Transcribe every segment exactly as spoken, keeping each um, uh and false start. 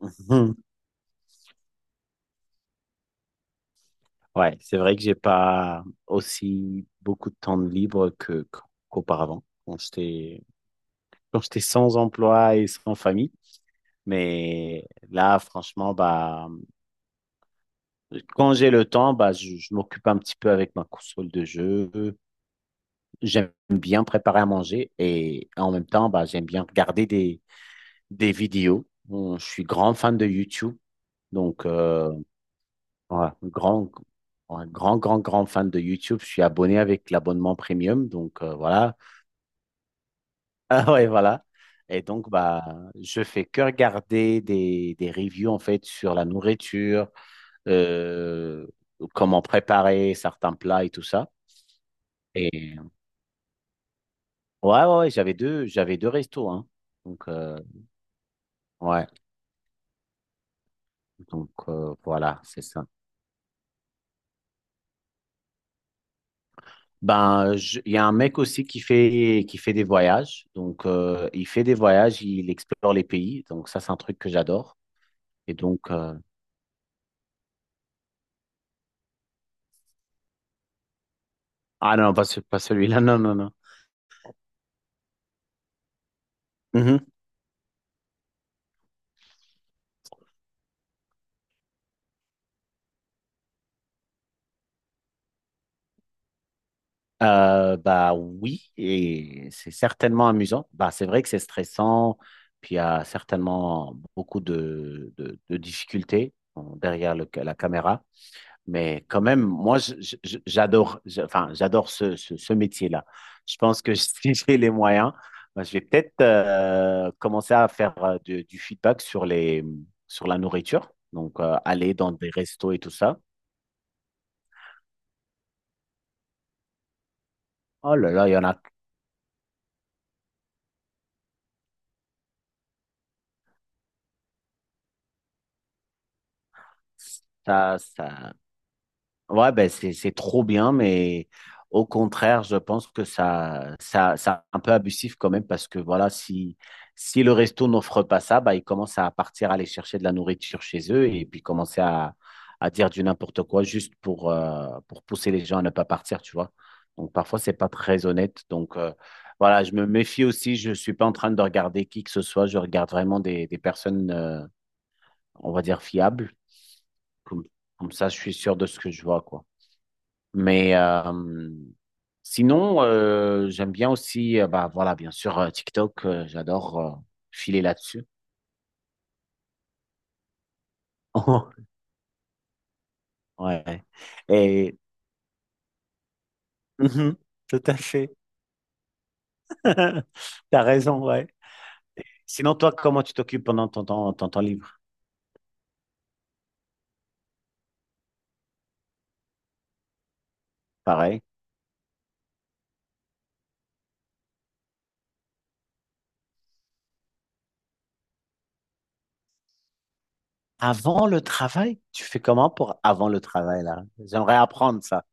Mhm. Ouais, c'est vrai que j'ai pas aussi beaucoup de temps de libre que qu'auparavant, quand j'étais quand j'étais sans emploi et sans famille. Mais là, franchement, bah quand j'ai le temps, bah je, je m'occupe un petit peu avec ma console de jeu. J'aime bien préparer à manger et en même temps, bah j'aime bien regarder des des vidéos. Bon, Je suis grand fan de YouTube. Donc, euh, ouais, grand, ouais, grand, grand, grand fan de YouTube. Je suis abonné avec l'abonnement premium. Donc, euh, voilà. Ah ouais, voilà. Et donc, bah, je fais que regarder des, des reviews, en fait, sur la nourriture, euh, comment préparer certains plats et tout ça. Et ouais, ouais, ouais, j'avais deux, j'avais deux restos, hein. Donc, euh, ouais. Donc, euh, voilà, c'est ça. Ben, je- il y a un mec aussi qui fait, qui fait des voyages. Donc, euh, il fait des voyages, il explore les pays. Donc, ça, c'est un truc que j'adore. Et donc, euh, ah non, pas, ce- pas celui-là, non, non, non. Mhm. Euh, bah oui, et c'est certainement amusant. Bah, c'est vrai que c'est stressant, puis il y a certainement beaucoup de, de, de difficultés bon, derrière le- la caméra. Mais quand même, moi, j'adore, enfin, j'adore ce, ce, ce métier-là. Je pense que si j'ai les moyens, ben, je vais peut-être euh, commencer à faire euh, du, du feedback sur les, sur la nourriture. Donc, euh, aller dans des restos et tout ça. Oh là là, il y en a. Ça, ça. Ouais, ben c'est c'est trop bien, mais au contraire, je pense que ça ça c'est un peu abusif quand même parce que voilà, si si le resto n'offre pas ça, bah ils commencent à partir aller chercher de la nourriture chez eux et puis commencer à à dire du n'importe quoi juste pour euh, pour pousser les gens à ne pas partir, tu vois. Donc parfois c'est pas très honnête. Donc euh, voilà, je me méfie aussi. Je suis pas en train de regarder qui que ce soit. Je regarde vraiment des des personnes, euh, on va dire fiables. Comme comme ça, je suis sûr de ce que je vois, quoi. Mais euh, sinon, euh, j'aime bien aussi, euh, bah voilà, bien sûr, euh, TikTok, euh, j'adore euh, filer là-dessus. Ouais. Et Mhm, tout à fait. T'as raison, ouais. Sinon, toi, comment tu t'occupes pendant ton temps, ton temps libre? Pareil. Avant le travail? Tu fais comment pour avant le travail, là? J'aimerais apprendre ça.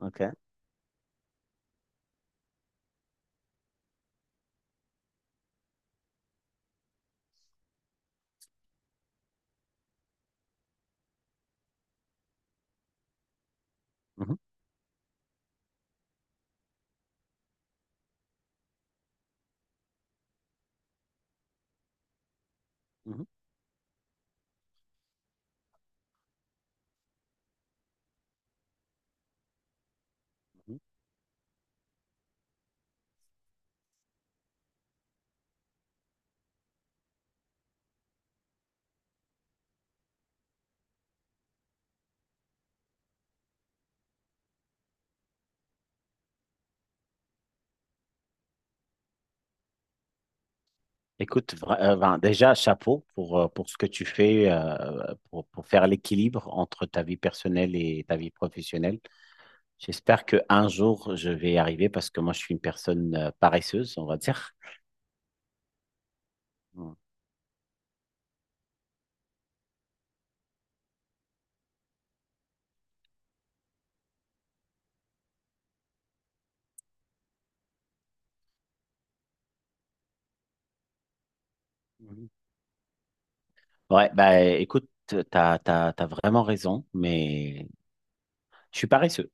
OK. Mhm, mhm. Écoute, vra- euh, ben, déjà, chapeau pour, euh, pour ce que tu fais euh, pour, pour faire l'équilibre entre ta vie personnelle et ta vie professionnelle. J'espère que un jour, je vais y arriver parce que moi, je suis une personne euh, paresseuse, on va dire. Mm. Mhm. Ouais, bah écoute, t'as, t'as, t'as vraiment raison, mais je suis paresseux.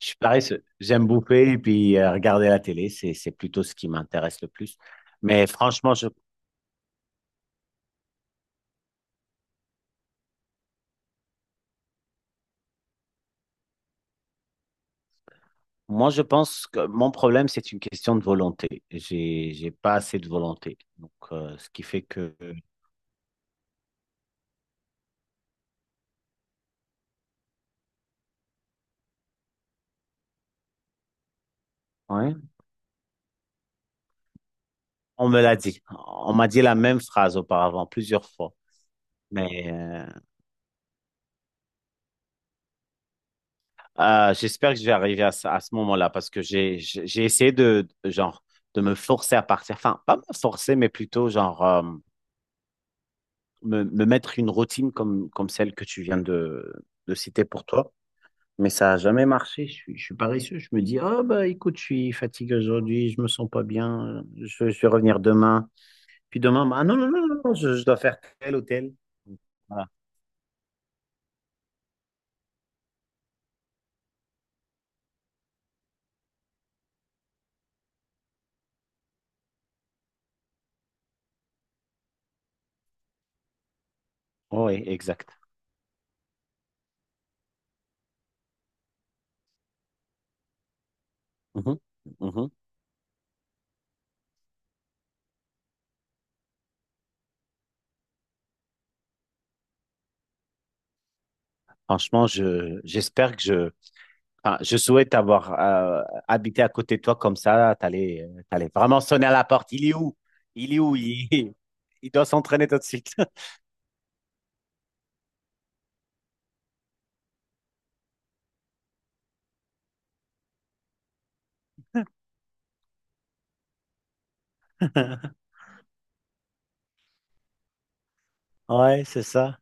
Je suis paresseux. J'aime bouffer et puis euh, regarder la télé, c'est, c'est plutôt ce qui m'intéresse le plus. Mais franchement, je Moi, je pense que mon problème, c'est une question de volonté. J'ai, j'ai pas assez de volonté. Donc, euh, ce qui fait que, ouais, on me l'a dit. On m'a dit la même phrase auparavant, plusieurs fois. Mais euh, euh, j'espère que je vais arriver à, ce- à ce moment-là parce que j'ai, j'ai j'ai essayé de, de- genre, de me forcer à partir. Enfin, pas me forcer, mais plutôt, genre, euh, me, me mettre une routine comme, comme celle que tu viens de, de citer pour toi. Mais ça n'a jamais marché. Je suis, je suis paresseux. Je me dis, ah bah écoute, je suis fatigué aujourd'hui, je me sens pas bien, je, je vais revenir demain. Puis demain, bah, ah non, non, non, non, non, je, je dois faire tel ou tel. Voilà. Oui, exact. Mhm, mhm. Franchement, je, j'espère que je, enfin, je souhaite avoir euh, habité à côté de toi comme ça. T'allais, euh, t'allais vraiment sonner à la porte. Il est où? Il est où? Il, il doit s'entraîner tout de suite. Ouais, c'est ça.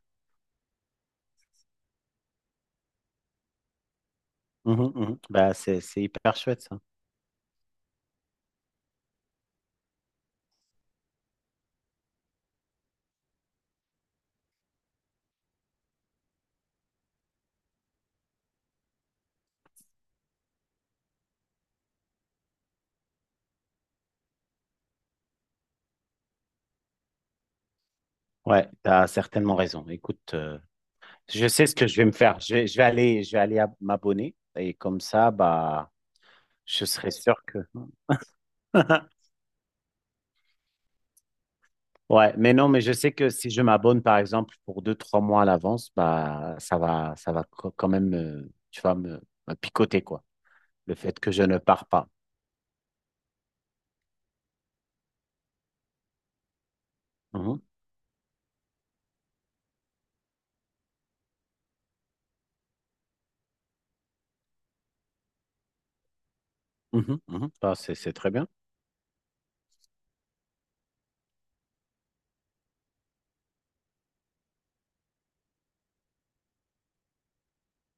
Mhm, mhm. Bah, c'est, c'est hyper chouette, ça. Ouais, tu as certainement raison. Écoute, euh, je sais ce que je vais me faire. Je vais, je vais aller, je vais aller à- m'abonner et comme ça, bah, je serai sûr que. Ouais, mais non, mais je sais que si je m'abonne, par exemple, pour deux, trois mois à l'avance, bah, ça va, ça va co- quand même, euh, tu vas me, me picoter, quoi, le fait que je ne pars pas. Mhm, mhm, mhm. Ah, c'est, c'est très bien.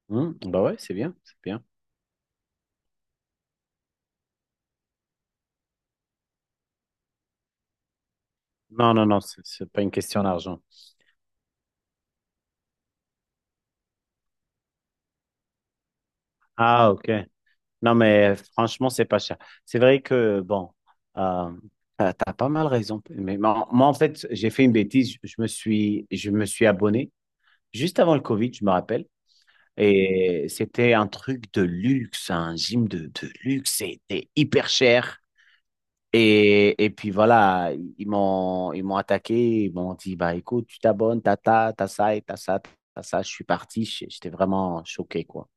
Mhm. Bah ouais, c'est bien, c'est bien. Non, non, non, c'est c'est pas une question d'argent. Ah, ok. Non, mais franchement, c'est pas cher. C'est vrai que, bon, euh, euh, t'as pas mal raison. Mais moi, moi, en fait, j'ai fait une bêtise. Je, je me suis, je me suis abonné juste avant le Covid, je me rappelle. Et c'était un truc de luxe, un gym de, de luxe. C'était hyper cher. Et, et puis voilà, ils m'ont, ils m'ont attaqué. Ils m'ont dit, bah écoute, tu t'abonnes, t'as ta, t'as ça et t'as ça, t'as ça. Je suis parti. J'étais vraiment choqué, quoi.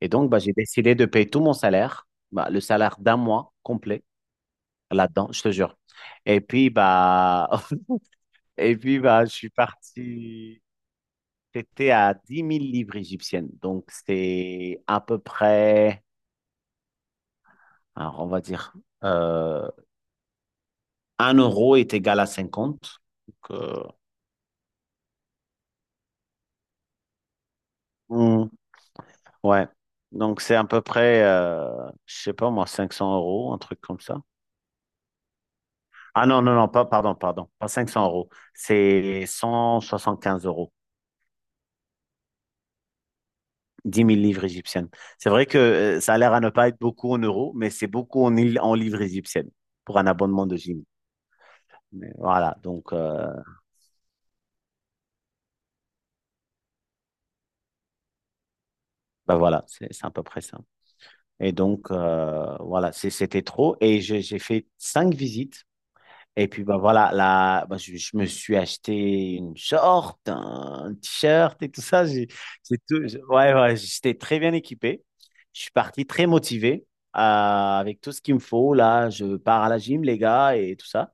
Et donc, bah, j'ai décidé de payer tout mon salaire, bah, le salaire d'un mois complet là-dedans, je te jure. Et puis, bah, et puis, bah, je suis parti. C'était à dix mille livres égyptiennes. Donc, c'est à peu près, alors, on va dire, euh, un euro est égal à cinquante. Donc, euh, hmm, ouais. Donc, c'est à peu près, euh, je sais pas moi, cinq cents euros, un truc comme ça. Ah non, non, non, pas, pardon, pardon, pas cinq cents euros. C'est cent soixante quinze euros. dix mille livres égyptiennes. C'est vrai que euh, ça a l'air à ne pas être beaucoup en euros, mais c'est beaucoup en, il- en livres égyptiennes pour un abonnement de gym. Mais voilà, donc euh, bah voilà, c'est c'est à peu près ça. Et donc euh, voilà, c'est- c'était trop. Et j'ai j'ai fait cinq visites. Et puis bah voilà, là, bah, je, je me suis acheté une short, un t-shirt et tout ça. J'ai j'ai tout, j'ai- ouais, ouais, j'étais très bien équipé. Je suis parti très motivé euh, avec tout ce qu'il me faut. Là, je pars à la gym, les gars, et tout ça.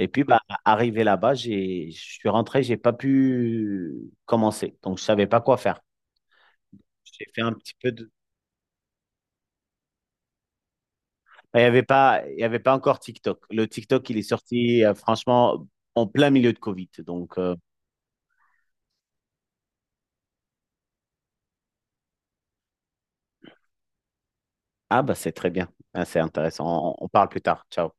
Et puis, bah, arrivé là-bas, j'ai, je suis rentré, j'ai pas pu commencer. Donc, je savais pas quoi faire. J'ai fait un petit peu de, enfin, Il y avait pas, il y avait pas encore TikTok. Le TikTok, il est sorti, euh, franchement, en plein milieu de Covid. Donc, euh, ah, bah, c'est très bien. Ah, c'est intéressant. On, on parle plus tard. Ciao.